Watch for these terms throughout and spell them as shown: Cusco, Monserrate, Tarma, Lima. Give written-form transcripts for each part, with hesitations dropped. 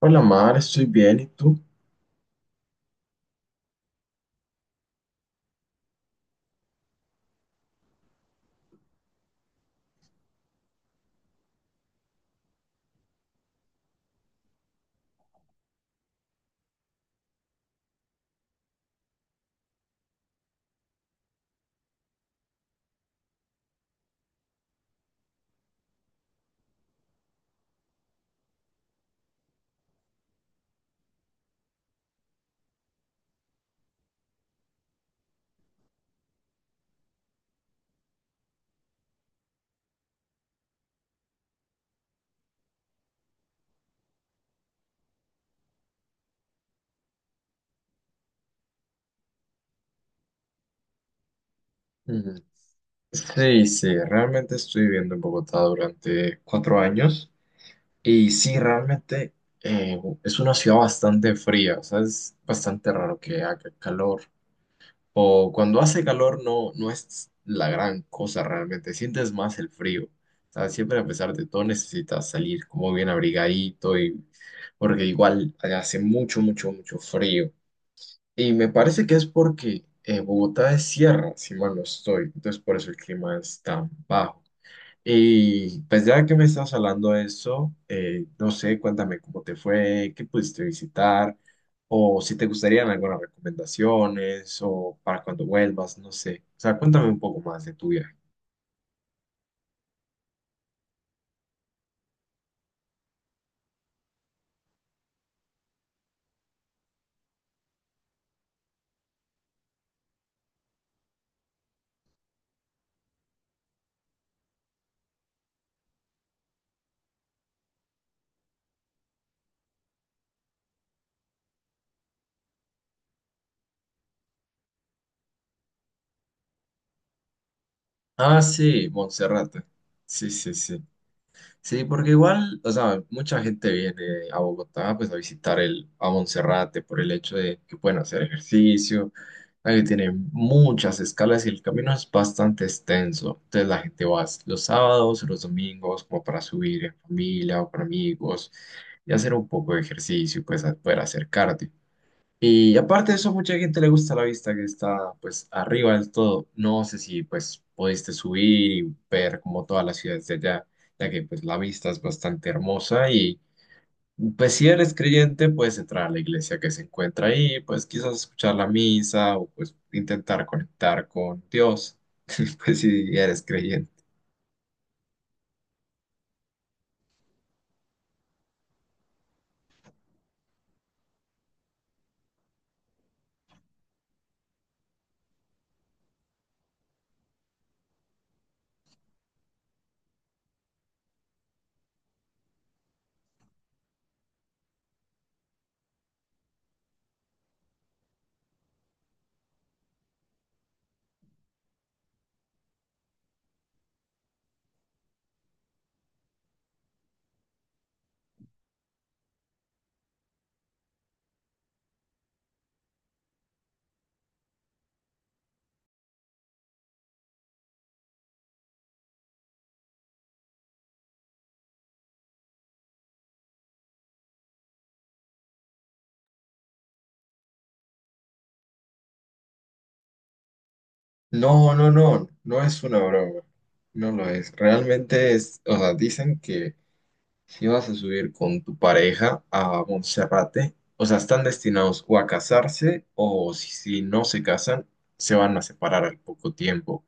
Hola Mar, estoy bien, ¿y tú? Mm, Sí, sí, realmente estoy viviendo en Bogotá durante 4 años. Y sí, realmente es una ciudad bastante fría, o sea, es bastante raro que haga calor. O cuando hace calor no, no es la gran cosa realmente, sientes más el frío. O sea, siempre a pesar de todo necesitas salir como bien abrigadito y porque igual allá hace mucho, mucho, mucho frío. Y me parece que es porque Bogotá es sierra, si mal no estoy, entonces por eso el clima es tan bajo. Y pues ya que me estás hablando de eso, no sé, cuéntame cómo te fue, qué pudiste visitar, o si te gustarían algunas recomendaciones, o para cuando vuelvas, no sé. O sea, cuéntame un poco más de tu viaje. Ah, sí, Monserrate. Sí, sí, sí. Sí, porque igual, o sea, mucha gente viene a Bogotá pues a visitar a Monserrate por el hecho de que pueden hacer ejercicio, la que tiene muchas escalas y el camino es bastante extenso. Entonces la gente va los sábados, los domingos, como para subir en familia o con amigos y hacer un poco de ejercicio, pues a poder acercarte. Y aparte de eso, mucha gente le gusta la vista que está pues arriba del todo. No sé si pues pudiste subir y ver como todas las ciudades de allá, ya que pues la vista es bastante hermosa y pues si eres creyente puedes entrar a la iglesia que se encuentra ahí, pues quizás escuchar la misa o pues intentar conectar con Dios, pues si eres creyente. No, no, no, no es una broma, no lo es. Realmente es, o sea, dicen que si vas a subir con tu pareja a Monserrate, o sea, están destinados o a casarse o si, si no se casan, se van a separar al poco tiempo.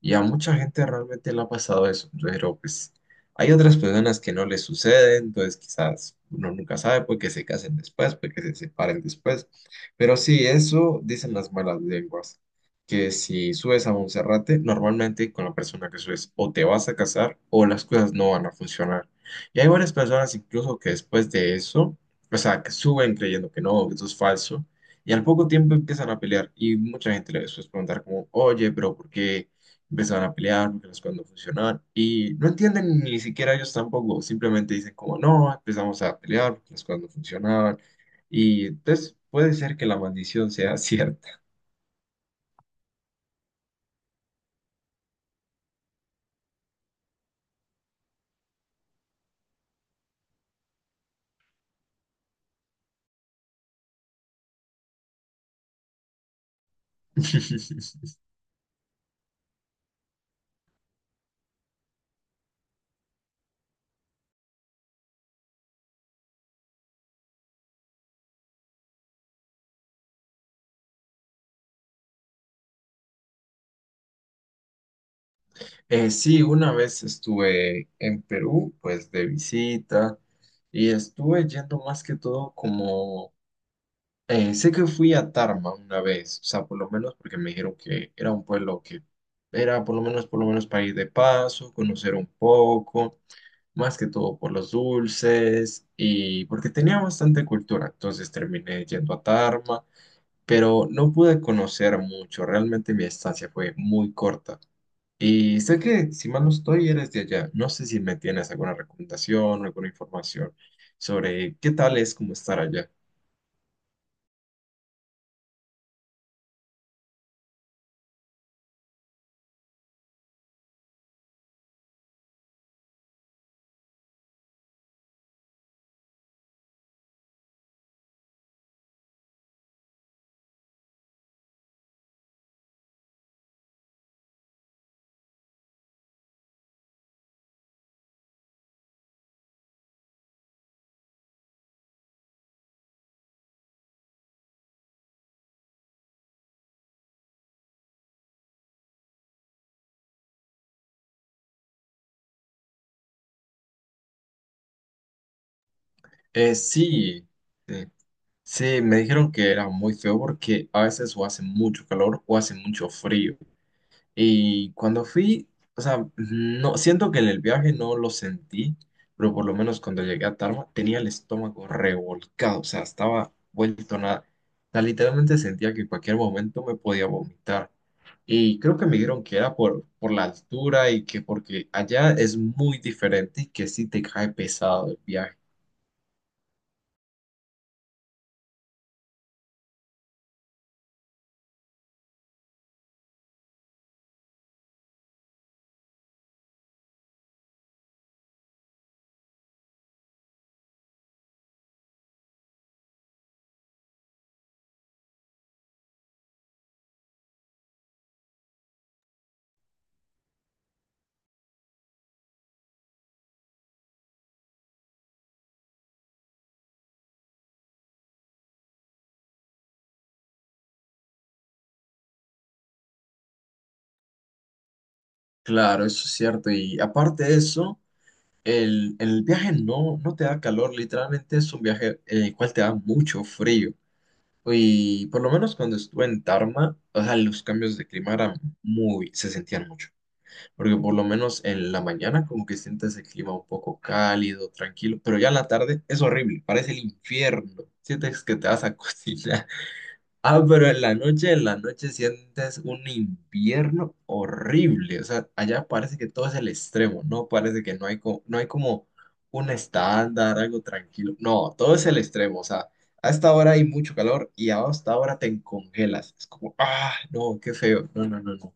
Y a mucha gente realmente le ha pasado eso, pero pues hay otras personas que no les sucede, entonces quizás uno nunca sabe, puede que se casen después, puede que se separen después. Pero sí, eso dicen las malas lenguas, que si subes a Monserrate, normalmente con la persona que subes o te vas a casar o las cosas no van a funcionar. Y hay varias personas incluso que después de eso, o sea, que suben creyendo que no, que eso es falso, y al poco tiempo empiezan a pelear y mucha gente les suele preguntar como: oye, pero ¿por qué empezaban a pelear porque las cosas no funcionaban? Y no entienden ni siquiera ellos tampoco, simplemente dicen como no, empezamos a pelear porque las cosas no funcionaban y entonces puede ser que la maldición sea cierta. Sí, una vez estuve en Perú, pues de visita y estuve yendo más que todo como... sé que fui a Tarma una vez, o sea, por lo menos porque me dijeron que era un pueblo que era por lo menos para ir de paso, conocer un poco, más que todo por los dulces y porque tenía bastante cultura, entonces terminé yendo a Tarma, pero no pude conocer mucho, realmente mi estancia fue muy corta. Y sé que, si mal no estoy, eres de allá. No sé si me tienes alguna recomendación, alguna información sobre qué tal es como estar allá. Sí, sí, sí, me dijeron que era muy feo porque a veces o hace mucho calor o hace mucho frío. Y cuando fui, o sea, no, siento que en el viaje no lo sentí, pero por lo menos cuando llegué a Tarma tenía el estómago revolcado, o sea, estaba vuelto nada. O sea, literalmente sentía que en cualquier momento me podía vomitar. Y creo que me dijeron que era por la altura y que porque allá es muy diferente y que sí te cae pesado el viaje. Claro, eso es cierto. Y aparte de eso, el viaje no, no te da calor, literalmente es un viaje en el cual te da mucho frío. Y por lo menos cuando estuve en Tarma, o sea, los cambios de clima eran se sentían mucho, porque por lo menos en la mañana como que sientes el clima un poco cálido, tranquilo, pero ya en la tarde es horrible, parece el infierno, sientes que te vas a cocinar. Ah, pero en la noche sientes un invierno horrible. O sea, allá parece que todo es el extremo, ¿no? Parece que no hay como, no hay como un estándar, algo tranquilo. No, todo es el extremo. O sea, a esta hora hay mucho calor y a esta hora te congelas. Es como, ah, no, qué feo. No, no, no, no.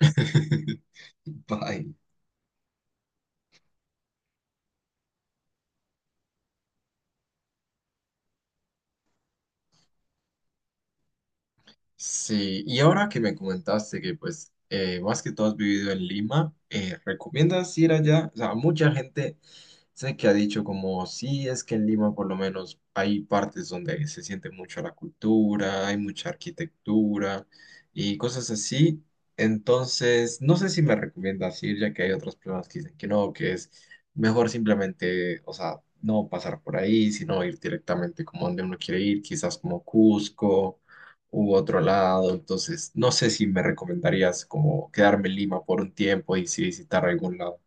Bye. Sí, y ahora que me comentaste que pues más que todo has vivido en Lima, ¿recomiendas ir allá? O sea, mucha gente sé que ha dicho como sí, es que en Lima por lo menos hay partes donde se siente mucho la cultura, hay mucha arquitectura y cosas así. Entonces, no sé si me recomiendas ir, ya que hay otras personas que dicen que no, que es mejor simplemente, o sea, no pasar por ahí, sino ir directamente como donde uno quiere ir, quizás como Cusco u otro lado. Entonces, no sé si me recomendarías como quedarme en Lima por un tiempo y si visitar algún lado.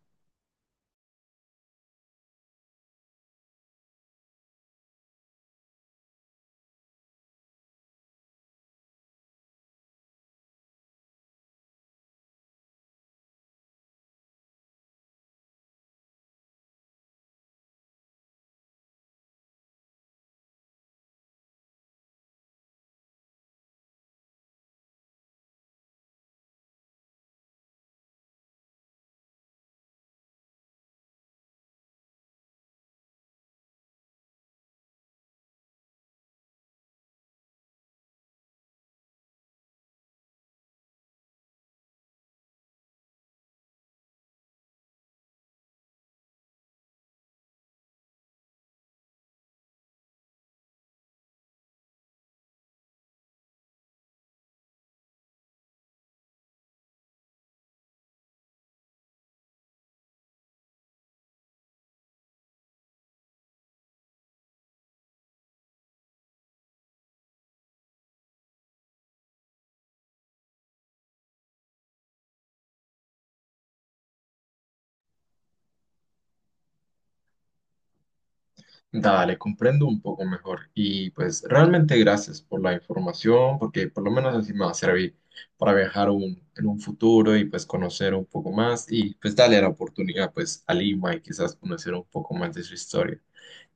Dale, comprendo un poco mejor. Y pues realmente gracias por la información, porque por lo menos así me va a servir para viajar en un futuro y pues conocer un poco más y pues darle la oportunidad pues a Lima y quizás conocer un poco más de su historia.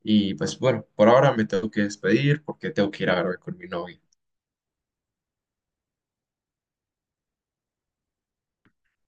Y pues bueno, por ahora me tengo que despedir porque tengo que ir a grabar con mi novia.